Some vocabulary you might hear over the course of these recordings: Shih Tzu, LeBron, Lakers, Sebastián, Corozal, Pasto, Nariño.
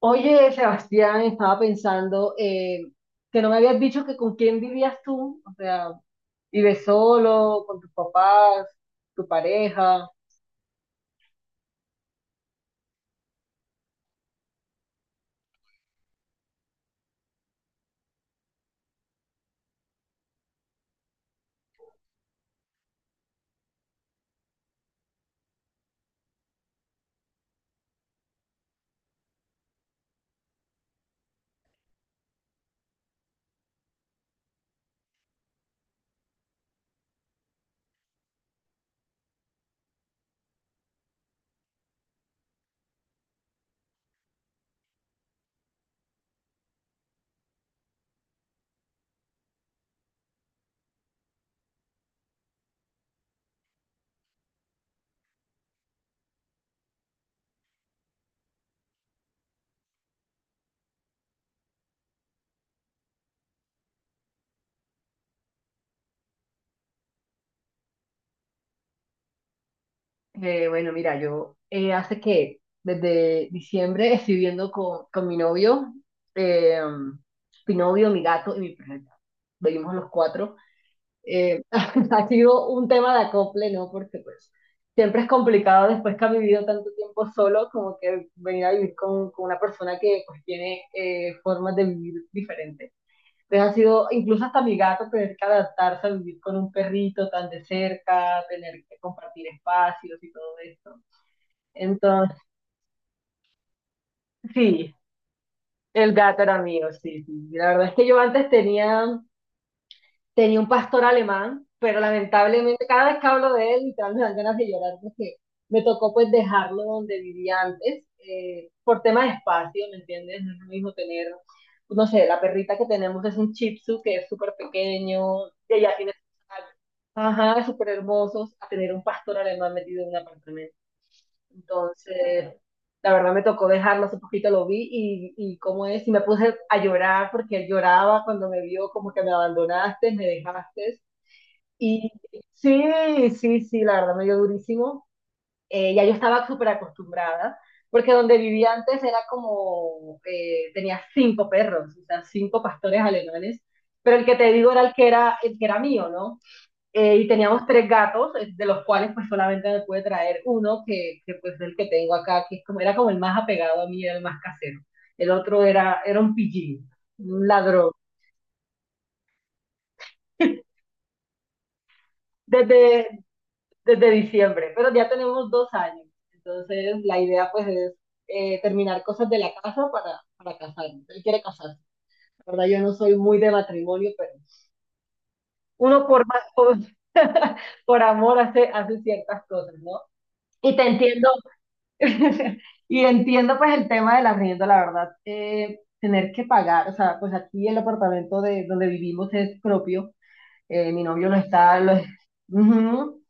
Oye, Sebastián, estaba pensando que no me habías dicho que con quién vivías tú, o sea, ¿vives solo, con tus papás, tu pareja? Bueno, mira, yo hace que desde diciembre estoy viviendo con mi novio, eh, mi novio, mi gato y mi perrita. Vivimos los cuatro. Ha sido un tema de acople, ¿no? Porque pues siempre es complicado después que ha vivido tanto tiempo solo, como que venir a vivir con una persona que pues tiene formas de vivir diferentes. Entonces ha sido, incluso hasta mi gato, tener que adaptarse a vivir con un perrito tan de cerca, tener que compartir espacios y todo esto. Entonces, sí, el gato era mío, sí, sí. La verdad es que yo antes tenía tenía un pastor alemán, pero lamentablemente cada vez que hablo de él, literalmente me dan ganas de llorar porque me tocó pues dejarlo donde vivía antes, por tema de espacio, ¿me entiendes? No es lo mismo tener, no sé, la perrita que tenemos es un Shih Tzu que es súper pequeño, que ya tiene, ajá, súper hermosos, a tener un pastor alemán metido en un apartamento. Entonces, la verdad me tocó dejarlo, hace poquito lo vi y cómo es, y me puse a llorar porque él lloraba cuando me vio como que me abandonaste, me dejaste. Y sí, sí, sí, la verdad me dio durísimo. Ya yo estaba súper acostumbrada, porque donde vivía antes era como, tenía cinco perros, o sea, cinco pastores alemanes, pero el que te digo era el que era, el que era mío, ¿no? Y teníamos tres gatos, de los cuales pues solamente me pude traer uno, pues es el que tengo acá, que es como, era como el más apegado a mí, era el más casero. El otro era, era un pillín, un ladrón, desde, desde diciembre, pero ya tenemos dos años. Entonces la idea pues es terminar cosas de la casa para casarnos. Él quiere casarse. La verdad, yo no soy muy de matrimonio, pero uno por, por amor hace, hace ciertas cosas, ¿no? Y te entiendo, y entiendo pues el tema del arriendo, la verdad, tener que pagar, o sea, pues aquí el apartamento de donde vivimos es propio, mi novio lo está, lo, ujú,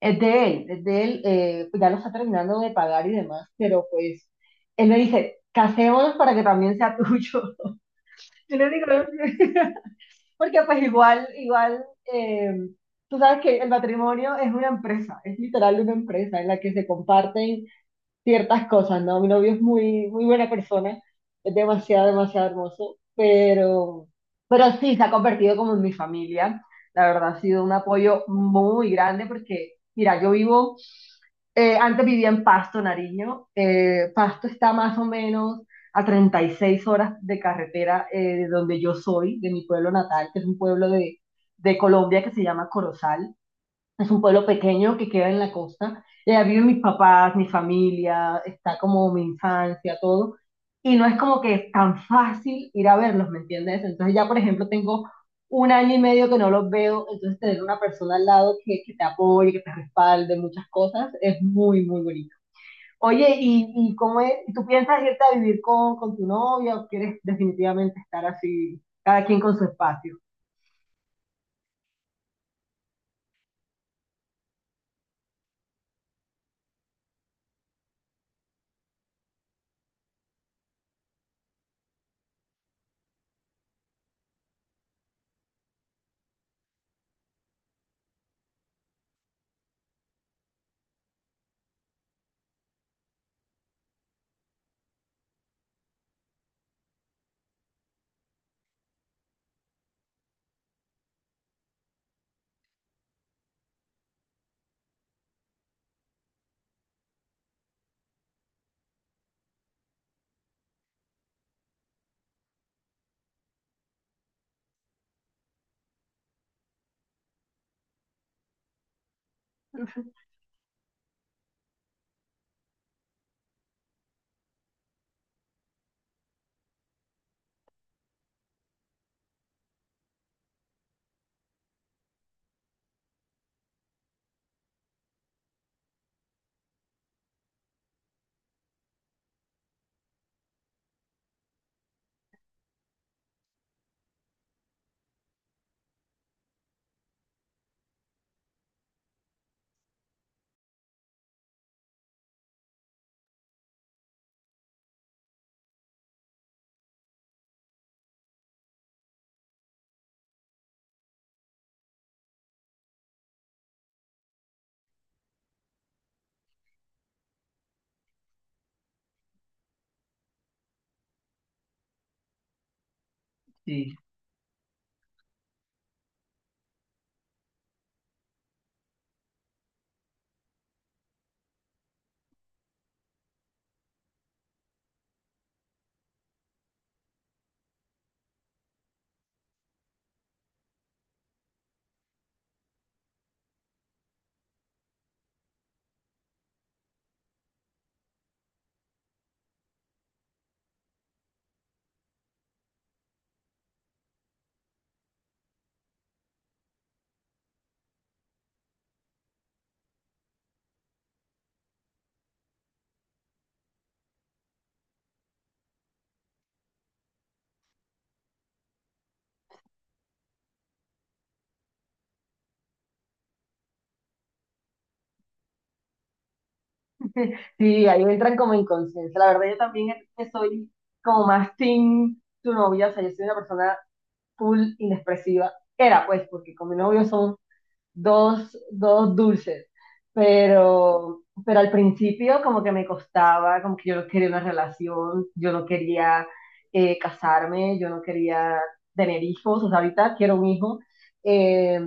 es de él, pues ya lo está terminando de pagar y demás, pero pues él me dice, casémonos para que también sea tuyo. Yo le digo, porque pues igual, igual, eh, tú sabes que el matrimonio es una empresa, es literal una empresa en la que se comparten ciertas cosas, ¿no? Mi novio es muy, muy buena persona, es demasiado, demasiado hermoso, pero sí, se ha convertido como en mi familia. La verdad, ha sido un apoyo muy grande porque, mira, yo vivo, antes vivía en Pasto, Nariño. Pasto está más o menos a 36 horas de carretera de donde yo soy, de mi pueblo natal, que es un pueblo de Colombia que se llama Corozal. Es un pueblo pequeño que queda en la costa. Y allá viven mis papás, mi familia, está como mi infancia, todo. Y no es como que es tan fácil ir a verlos, ¿me entiendes? Entonces ya, por ejemplo, tengo un año y medio que no los veo, entonces tener una persona al lado que te apoye, que te respalde, muchas cosas, es muy, muy bonito. Oye, y cómo es? ¿Tú piensas irte a vivir con tu novia o quieres definitivamente estar así, cada quien con su espacio? Sí, ahí entran como inconsciencia. La verdad, yo también que soy como más team tu novia, o sea, yo soy una persona full inexpresiva. Era pues, porque con mi novio son dos, dos dulces. Pero al principio como que me costaba, como que yo no quería una relación, yo no quería casarme, yo no quería tener hijos, o sea, ahorita quiero un hijo. Eh,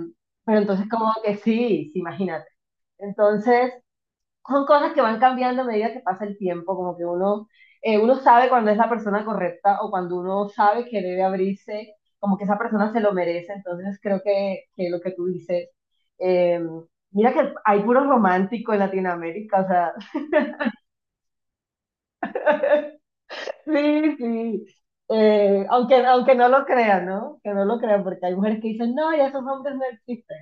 pero entonces como que sí, sí, imagínate. Entonces son cosas que van cambiando a medida que pasa el tiempo, como que uno, uno sabe cuando es la persona correcta o cuando uno sabe que debe abrirse, como que esa persona se lo merece, entonces creo que lo que tú dices, eh, mira que hay puro romántico en Latinoamérica, o sea, sí, sí, aunque, aunque no lo crean, ¿no? Que no lo crean, porque hay mujeres que dicen, no, ya esos hombres no existen.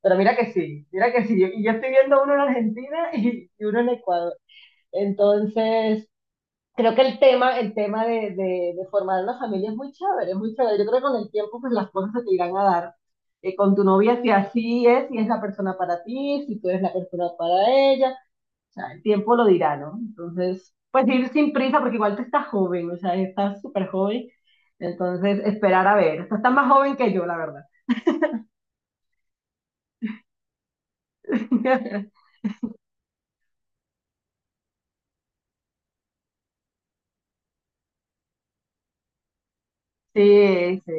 Pero mira que sí, mira que sí. Y yo estoy viendo uno en Argentina y uno en Ecuador. Entonces, creo que el tema de formar una familia es muy chévere, es muy chévere. Yo creo que con el tiempo pues las cosas se te irán a dar. Con tu novia, si así es, si es la persona para ti, si tú eres la persona para ella, o sea, el tiempo lo dirá, ¿no? Entonces, pues ir sin prisa, porque igual tú estás joven, o sea, estás súper joven, entonces esperar a ver. Tú estás más joven que yo, la verdad. Sí, sí.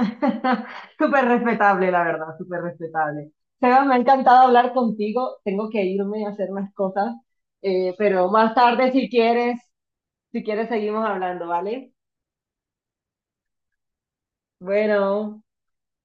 Súper respetable, la verdad, súper respetable. Sebas, me ha encantado hablar contigo. Tengo que irme a hacer unas cosas, pero más tarde, si quieres, si quieres, seguimos hablando, ¿vale? Bueno.